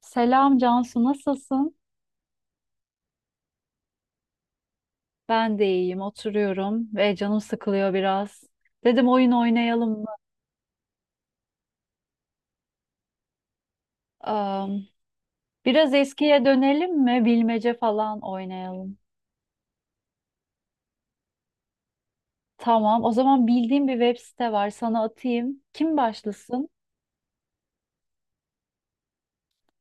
Selam Cansu, nasılsın? Ben de iyiyim, oturuyorum ve canım sıkılıyor biraz. Dedim oyun oynayalım mı? Am, biraz eskiye dönelim mi? Bilmece falan oynayalım. Tamam, o zaman bildiğim bir web site var, sana atayım. Kim başlasın?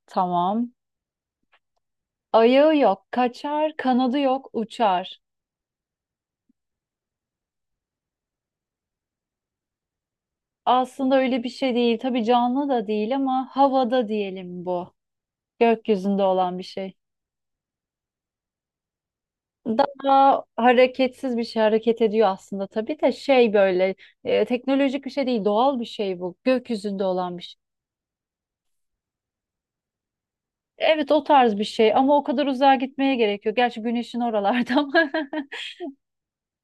Tamam. Ayağı yok, kaçar, kanadı yok, uçar. Aslında öyle bir şey değil. Tabii canlı da değil ama havada diyelim bu. Gökyüzünde olan bir şey. Daha hareketsiz bir şey hareket ediyor aslında tabii de şey böyle teknolojik bir şey değil, doğal bir şey, bu gökyüzünde olan bir şey. Evet, o tarz bir şey ama o kadar uzağa gitmeye gerekiyor. Gerçi güneşin oralarda ama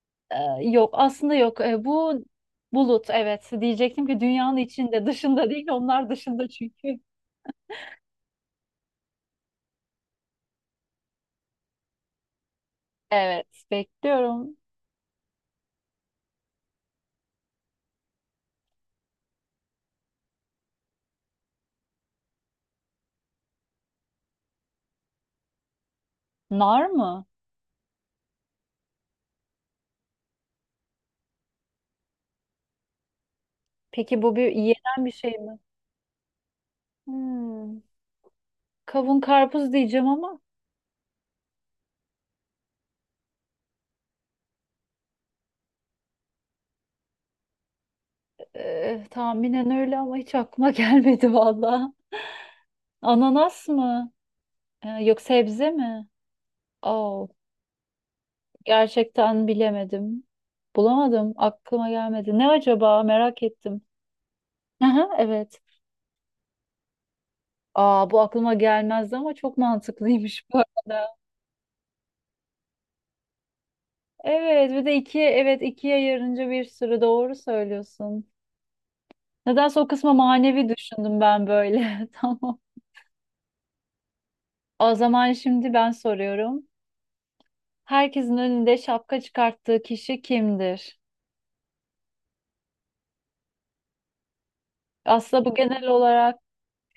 e, yok aslında, yok. Bu bulut, evet, diyecektim ki dünyanın içinde, dışında değil, onlar dışında çünkü. Evet, bekliyorum. Nar mı? Peki bu bir yenen bir şey mi? Hmm, kavun karpuz diyeceğim ama. Tahminen öyle ama hiç aklıma gelmedi valla. Ananas mı? Yok, sebze mi? Oo, gerçekten bilemedim. Bulamadım. Aklıma gelmedi. Ne acaba? Merak ettim. Aha, evet. Aa, bu aklıma gelmezdi ama çok mantıklıymış bu arada. Evet, bir de iki, evet, ikiye yarınca bir sürü, doğru söylüyorsun. Nedense o kısma manevi düşündüm ben böyle. Tamam. O zaman şimdi ben soruyorum. Herkesin önünde şapka çıkarttığı kişi kimdir? Aslında bu genel olarak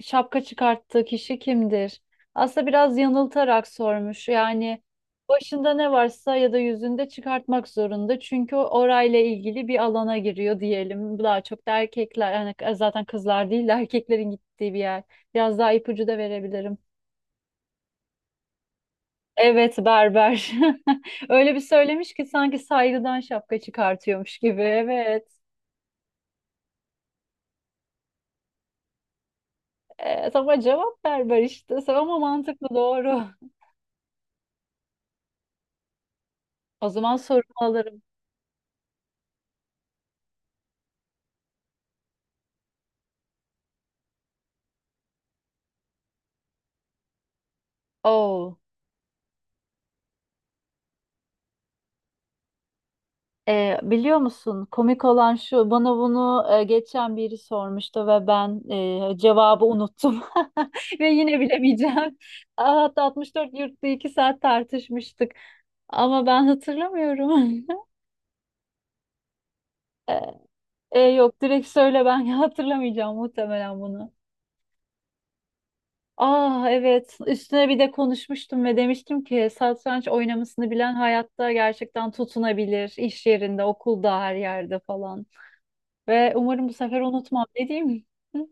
şapka çıkarttığı kişi kimdir? Aslında biraz yanıltarak sormuş. Yani başında ne varsa ya da yüzünde çıkartmak zorunda. Çünkü o orayla ilgili bir alana giriyor diyelim. Daha çok da erkekler, hani zaten kızlar değil de erkeklerin gittiği bir yer. Biraz daha ipucu da verebilirim. Evet, berber. Öyle bir söylemiş ki sanki saygıdan şapka çıkartıyormuş gibi. Evet. Ama cevap ver ver işte. Ama mantıklı, doğru. O zaman sorumu alırım. Oo. Biliyor musun komik olan şu, bana bunu geçen biri sormuştu ve ben cevabı unuttum ve yine bilemeyeceğim. Aa, hatta 64 yurtta 2 saat tartışmıştık ama ben hatırlamıyorum. Ee, yok direkt söyle, ben hatırlamayacağım muhtemelen bunu. Ah evet, üstüne bir de konuşmuştum ve demiştim ki satranç oynamasını bilen hayatta gerçekten tutunabilir, iş yerinde, okulda, her yerde falan ve umarım bu sefer unutmam, ne diyeyim. Hı?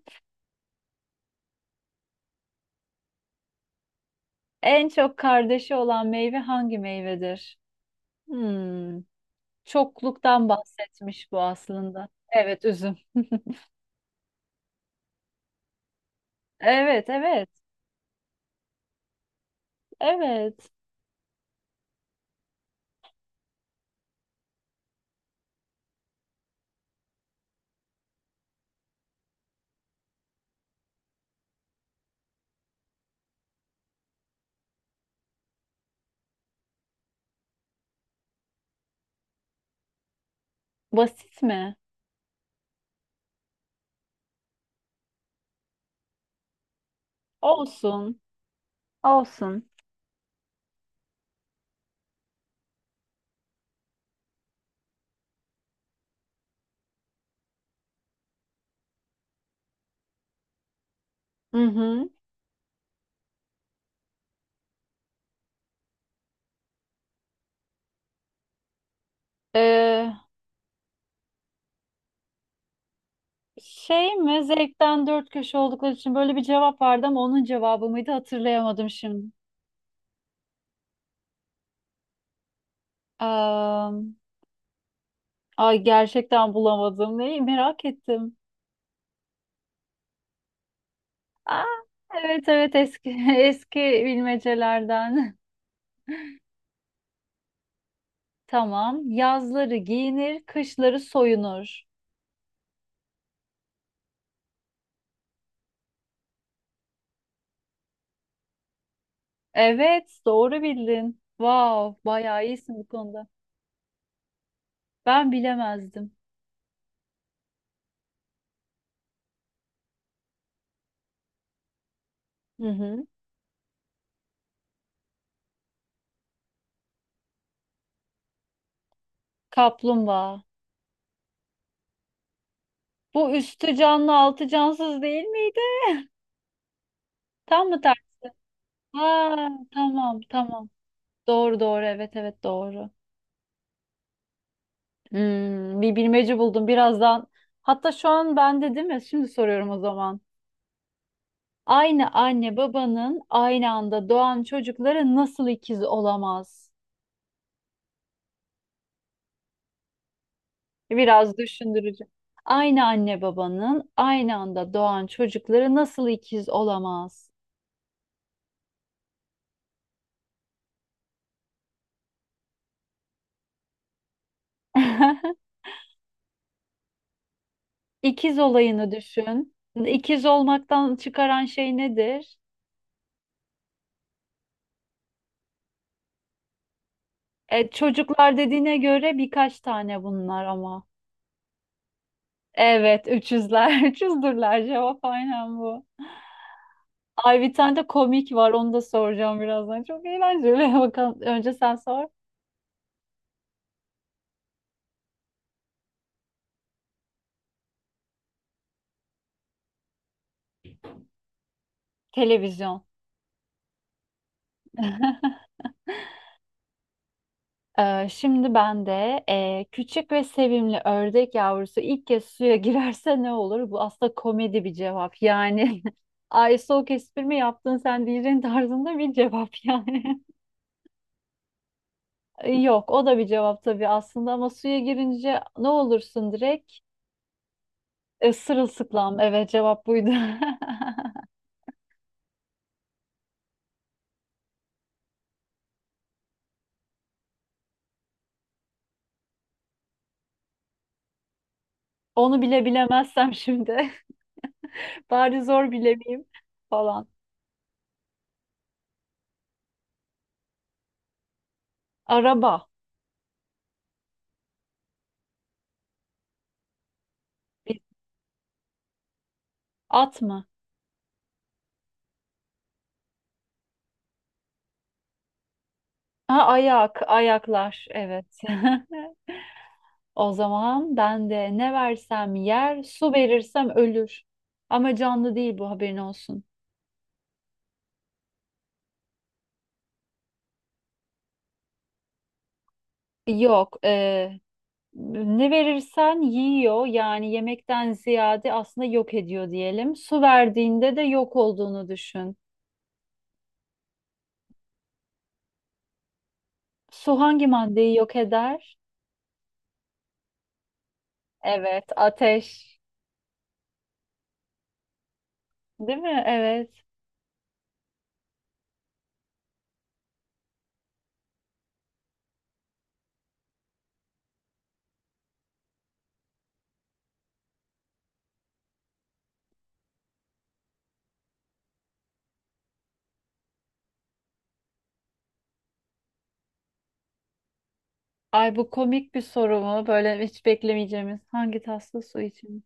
En çok kardeşi olan meyve hangi meyvedir? Hmm, çokluktan bahsetmiş bu aslında. Evet, üzüm. Evet, evet, evet, basit mi? Olsun olsun. Hı hı. Ee, şey mi, zevkten dört köşe oldukları için, böyle bir cevap vardı ama onun cevabı mıydı, hatırlayamadım şimdi. Am, ay gerçekten bulamadım. Neyi, merak ettim. Aa, evet, evet, eski eski bilmecelerden. Tamam. Yazları giyinir, kışları soyunur. Evet, doğru bildin. Wow, bayağı iyisin bu konuda. Ben bilemezdim. Hı hı. Kaplumbağa. Bu üstü canlı, altı cansız değil miydi? Tam mı? Ha, tamam tamam. Doğru doğru, evet evet, doğru. Bir bilmece buldum birazdan. Hatta şu an bende değil mi? Şimdi soruyorum o zaman. Aynı anne babanın aynı anda doğan çocukları nasıl ikiz olamaz? Biraz düşündürücü. Aynı anne babanın aynı anda doğan çocukları nasıl ikiz olamaz? İkiz olayını düşün. İkiz olmaktan çıkaran şey nedir? Çocuklar dediğine göre birkaç tane bunlar ama. Evet, 300'ler. 300'dürler, cevap aynen bu. Ay, bir tane de komik var, onu da soracağım birazdan. Çok eğlenceli. Bakalım, önce sen sor. Televizyon. Şimdi ben de küçük ve sevimli ördek yavrusu ilk kez suya girerse ne olur? Bu aslında komedi bir cevap. Yani ay, soğuk espri mi yaptın sen, diyeceğin tarzında bir cevap yani. Yok, o da bir cevap tabii aslında ama suya girince ne olursun, direkt sırılsıklam. Evet, cevap buydu. Onu bile bilemezsem şimdi, bari zor bilemeyeyim falan. Araba, at mı? Ha, ayak, ayaklar. Evet. O zaman ben de, ne versem yer, su verirsem ölür. Ama canlı değil, bu haberin olsun. Yok. Ne verirsen yiyor, yani yemekten ziyade aslında yok ediyor diyelim. Su verdiğinde de yok olduğunu düşün. Su hangi maddeyi yok eder? Evet, ateş. Değil mi? Evet. Ay, bu komik bir soru mu? Böyle hiç beklemeyeceğimiz. Hangi taslı su için?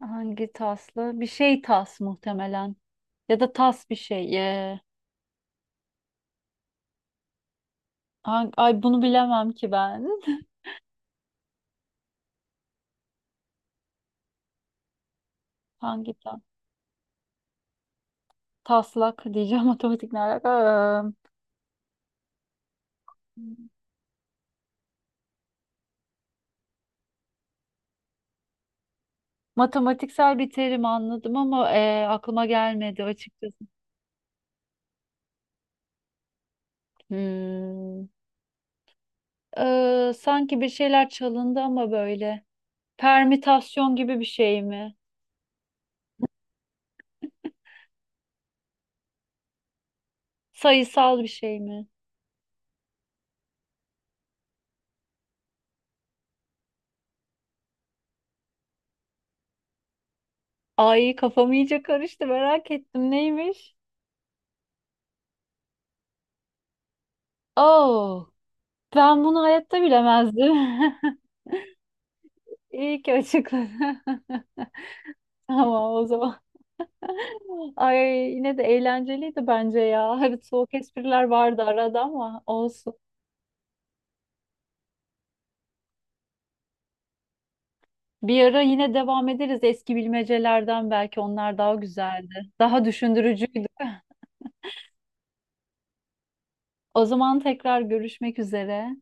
Hangi taslı? Bir şey tas muhtemelen. Ya da tas bir şey. Ay, bunu bilemem ki ben. Hangi tas? Taslak diyeceğim, matematik ne alaka? Matematiksel bir terim anladım ama aklıma gelmedi açıkçası. Hmm. Sanki bir şeyler çalındı ama böyle. Permütasyon gibi bir şey mi? Sayısal bir şey mi? Ay, kafam iyice karıştı, merak ettim, neymiş? Oh, ben bunu hayatta bilemezdim. İyi ki açıkladın. Tamam o zaman. Ay, yine de eğlenceliydi bence ya. Hadi soğuk espriler vardı arada ama olsun. Bir ara yine devam ederiz eski bilmecelerden, belki onlar daha güzeldi. Daha düşündürücüydü. O zaman tekrar görüşmek üzere.